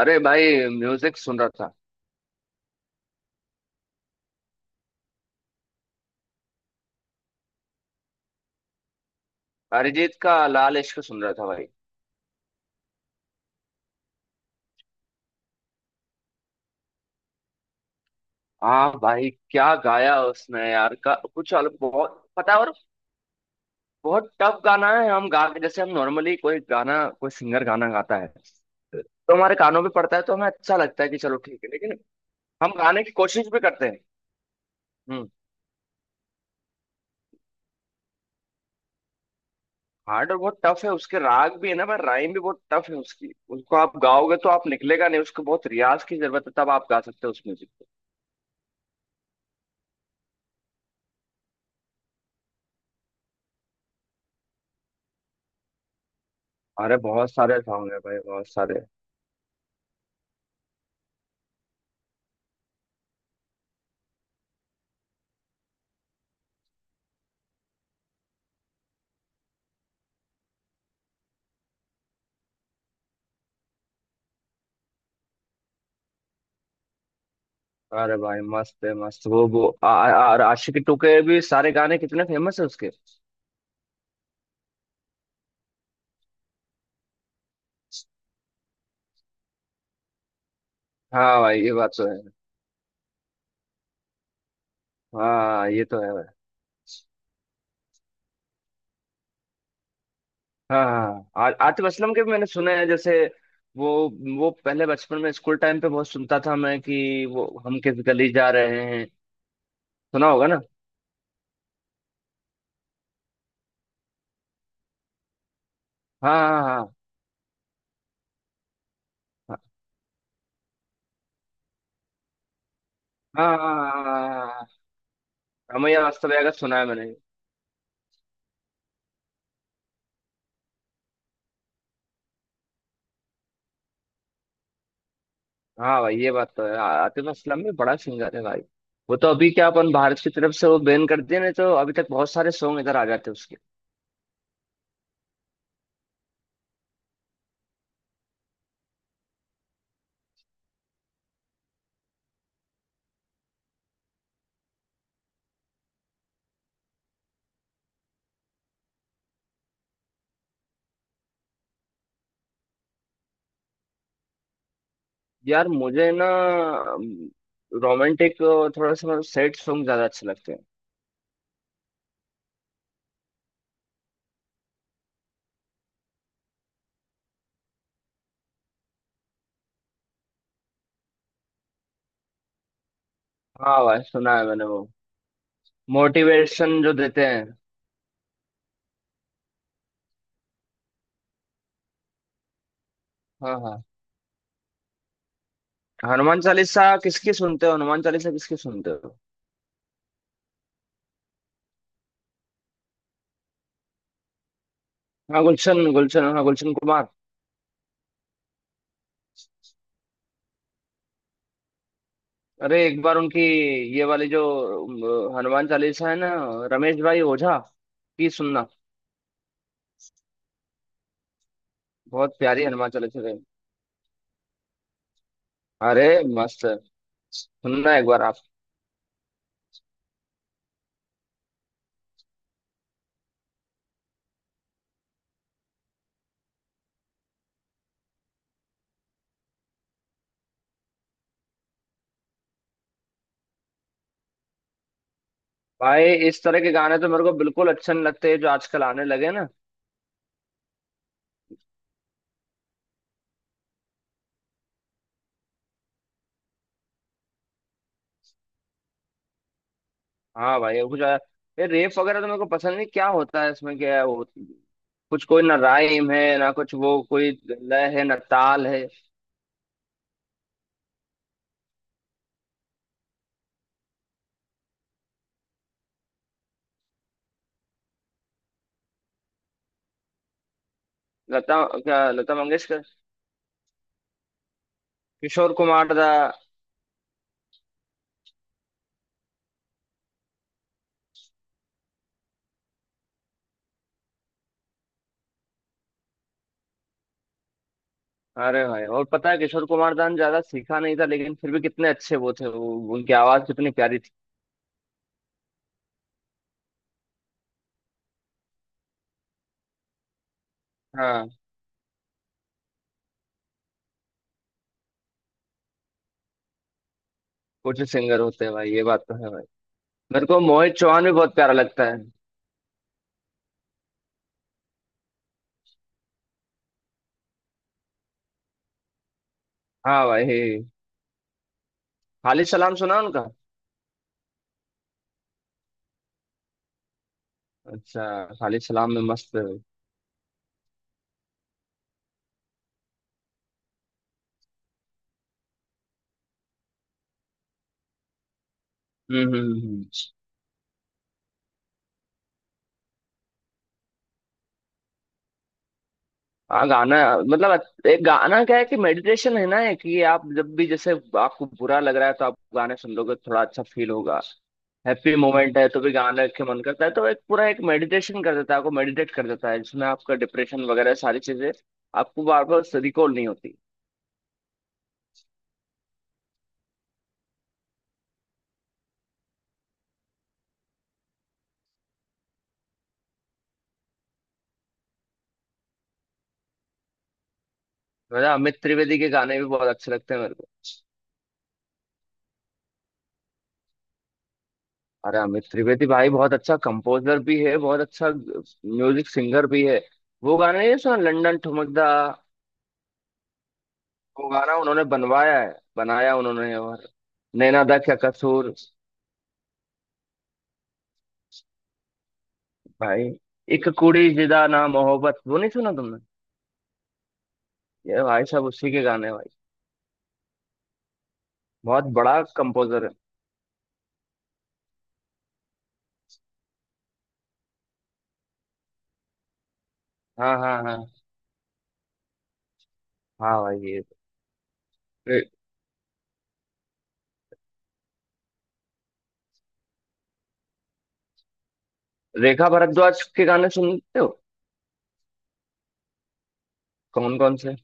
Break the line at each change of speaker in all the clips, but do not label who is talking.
अरे भाई, म्यूजिक सुन रहा था। अरिजीत का लाल इश्क सुन रहा था भाई। हाँ भाई, क्या गाया उसने यार, का कुछ अलग बहुत पता है। और बहुत टफ गाना है। हम गा जैसे हम नॉर्मली कोई गाना, कोई सिंगर गाना गाता है तो हमारे कानों पे पड़ता है तो हमें अच्छा लगता है कि चलो ठीक है, लेकिन हम गाने की कोशिश भी करते हैं। हम्म। हार्ड और बहुत टफ है। उसके राग भी है ना, पर राइम भी बहुत टफ है उसकी। उसको आप गाओगे तो आप निकलेगा नहीं। उसको बहुत रियाज की जरूरत है, तब आप गा सकते हो उस म्यूजिक को। अरे बहुत सारे सॉन्ग है भाई, बहुत सारे। अरे भाई मस्त है, मस्त वो आ, आ, और आशिकी टू के भी सारे गाने कितने फेमस है उसके। हाँ भाई, ये बात तो है। हाँ, ये तो है भाई। हाँ हाँ हाँ। आतिफ असलम के भी मैंने सुने हैं। जैसे वो पहले बचपन में स्कूल टाइम पे बहुत सुनता था मैं, कि वो हम किस गली जा रहे हैं। सुना होगा ना। हाँ हाँ हाँ हाँ, हाँ हाँ हाँ, हाँ। रमैया वास्तव का सुना है मैंने। हाँ भाई, ये बात तो है। आतिफ असलम भी बड़ा सिंगर है भाई। वो तो अभी क्या अपन भारत की तरफ से वो बैन कर दिया, नहीं तो अभी तक बहुत सारे सॉन्ग इधर आ जाते उसके। यार मुझे ना रोमांटिक, थोड़ा सा सैड सॉन्ग ज्यादा अच्छे लगते हैं। हाँ भाई, सुना है मैंने वो। मोटिवेशन जो देते हैं। हाँ हाँ। हनुमान चालीसा किसकी सुनते हो? हनुमान चालीसा किसकी सुनते हो? हाँ गुलशन, गुलशन, हाँ गुलशन कुमार। अरे एक बार उनकी ये वाली जो हनुमान चालीसा है ना, रमेश भाई ओझा की सुनना। बहुत प्यारी हनुमान चालीसा है। अरे मस्त है, सुनना एक बार आप। भाई इस तरह के गाने तो मेरे को बिल्कुल अच्छे नहीं लगते जो आजकल आने लगे ना। हाँ भाई, कुछ ये रेप वगैरह तो मेरे को पसंद नहीं। क्या होता है इसमें, क्या है वो, कुछ कोई ना राइम है ना कुछ, वो कोई लय है ना ताल है। लता, क्या लता मंगेशकर। किशोर कुमार दा। अरे भाई, और पता है किशोर कुमार दा ने ज्यादा सीखा नहीं था, लेकिन फिर भी कितने अच्छे वो थे। वो उनकी आवाज कितनी प्यारी थी। हाँ, कुछ सिंगर होते हैं भाई, ये बात तो है भाई। मेरे को मोहित चौहान भी बहुत प्यारा लगता है। हाँ भाई। खालिद सलाम सुना उनका? अच्छा। खालिद सलाम में मस्त है। हम्म हम्म हम्म हम्म। हाँ गाना, मतलब एक गाना क्या है कि मेडिटेशन है ना, है कि ये आप जब भी, जैसे आपको बुरा लग रहा है तो आप गाने सुन लोगे, थोड़ा अच्छा फील होगा। हैप्पी मोमेंट है तो भी गाने के मन करता है। तो एक पूरा एक मेडिटेशन कर देता है आपको, मेडिटेट कर देता है जिसमें आपका डिप्रेशन वगैरह सारी चीजें आपको बार बार रिकॉल नहीं होती। मेरा अमित त्रिवेदी के गाने भी बहुत अच्छे लगते हैं मेरे को। अरे अमित त्रिवेदी भाई बहुत अच्छा कंपोजर भी है, बहुत अच्छा म्यूजिक सिंगर भी है। वो गाना नहीं सुना, लंदन ठुमकदा? वो गाना उन्होंने बनवाया है, बनाया उन्होंने। नैना दा क्या कसूर। भाई एक कुड़ी जिदा ना मोहब्बत, वो नहीं सुना तुमने? ये भाई साहब उसी के गाने भाई। बहुत बड़ा कंपोजर है। हाँ हाँ हाँ। हाँ भाई ये तो। रे, रेखा भारद्वाज के गाने सुनते हो? कौन कौन से?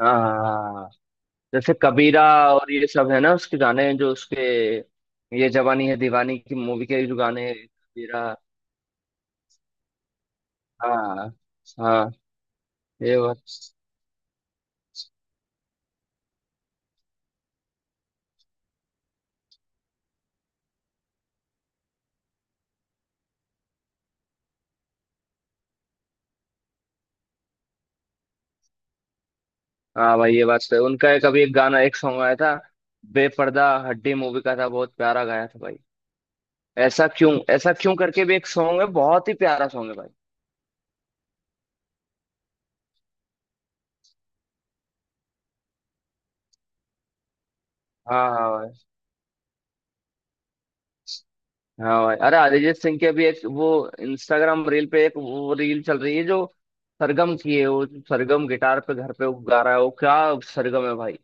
हाँ हाँ, हाँ। जैसे कबीरा, और ये सब है ना उसके गाने, जो उसके, ये जवानी है दीवानी की मूवी के जो गाने हैं, कबीरा। हाँ हाँ, ये बात। हाँ भाई ये बात तो है। उनका एक अभी एक गाना एक सॉन्ग आया था, बेपर्दा हड्डी मूवी का था, बहुत प्यारा गाया था भाई। ऐसा क्यों, ऐसा क्यों करके भी एक सॉन्ग है, बहुत ही प्यारा सॉन्ग है भाई। हाँ हाँ भाई। हाँ भाई, अरे अरिजीत सिंह के भी एक वो इंस्टाग्राम रील पे एक वो रील चल रही है जो सरगम की है। वो सरगम गिटार पे घर पे वो गा रहा है। वो क्या सरगम है भाई।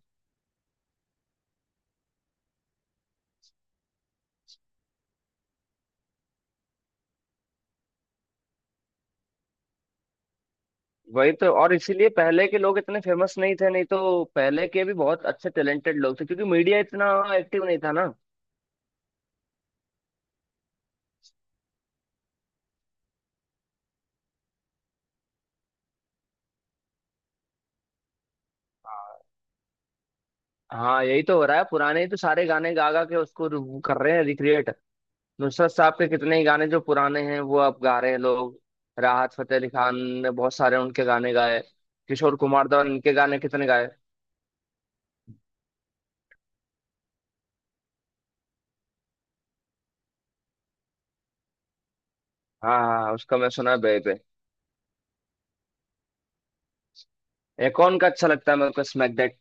वही तो, और इसीलिए पहले के लोग इतने फेमस नहीं थे, नहीं तो पहले के भी बहुत अच्छे टैलेंटेड लोग थे क्योंकि मीडिया इतना एक्टिव नहीं था ना। हाँ यही तो हो रहा है, पुराने ही तो सारे गाने गा गा के उसको कर रहे हैं रिक्रिएट। नुसरत साहब के कितने ही गाने जो पुराने हैं, वो अब गा रहे हैं लोग। राहत फतेह अली खान ने बहुत सारे उनके गाने गाए। किशोर कुमार दा इनके गाने कितने गाए। हाँ हाँ हाँ, उसका मैं सुना है बेबे। एक और उनका अच्छा लगता है मेरे को, स्मैक दैट।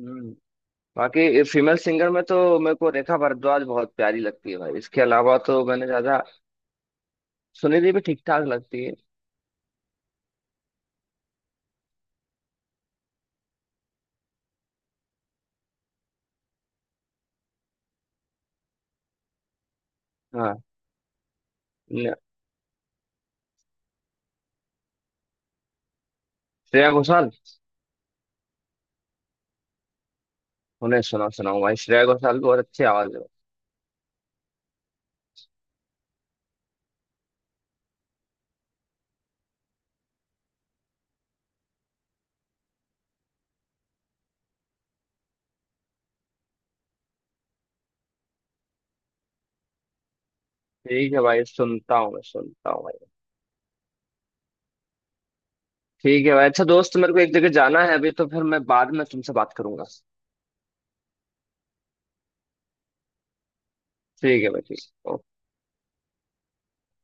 हम्म। बाकी फीमेल सिंगर में तो मेरे को रेखा भारद्वाज बहुत प्यारी लगती है भाई, इसके अलावा तो मैंने ज्यादा। सुनिधि भी ठीक ठाक लगती है। हाँ। न- श्रेया घोषाल। उन्हें सुना सुनाऊं भाई, श्रेया घोषाल की बहुत अच्छी आवाज है। ठीक है भाई, सुनता हूँ मैं, सुनता हूँ भाई। ठीक है भाई। अच्छा दोस्त, मेरे को एक जगह जाना है अभी, तो फिर मैं बाद में तुमसे बात करूंगा। ठीक है भाई, ठीक।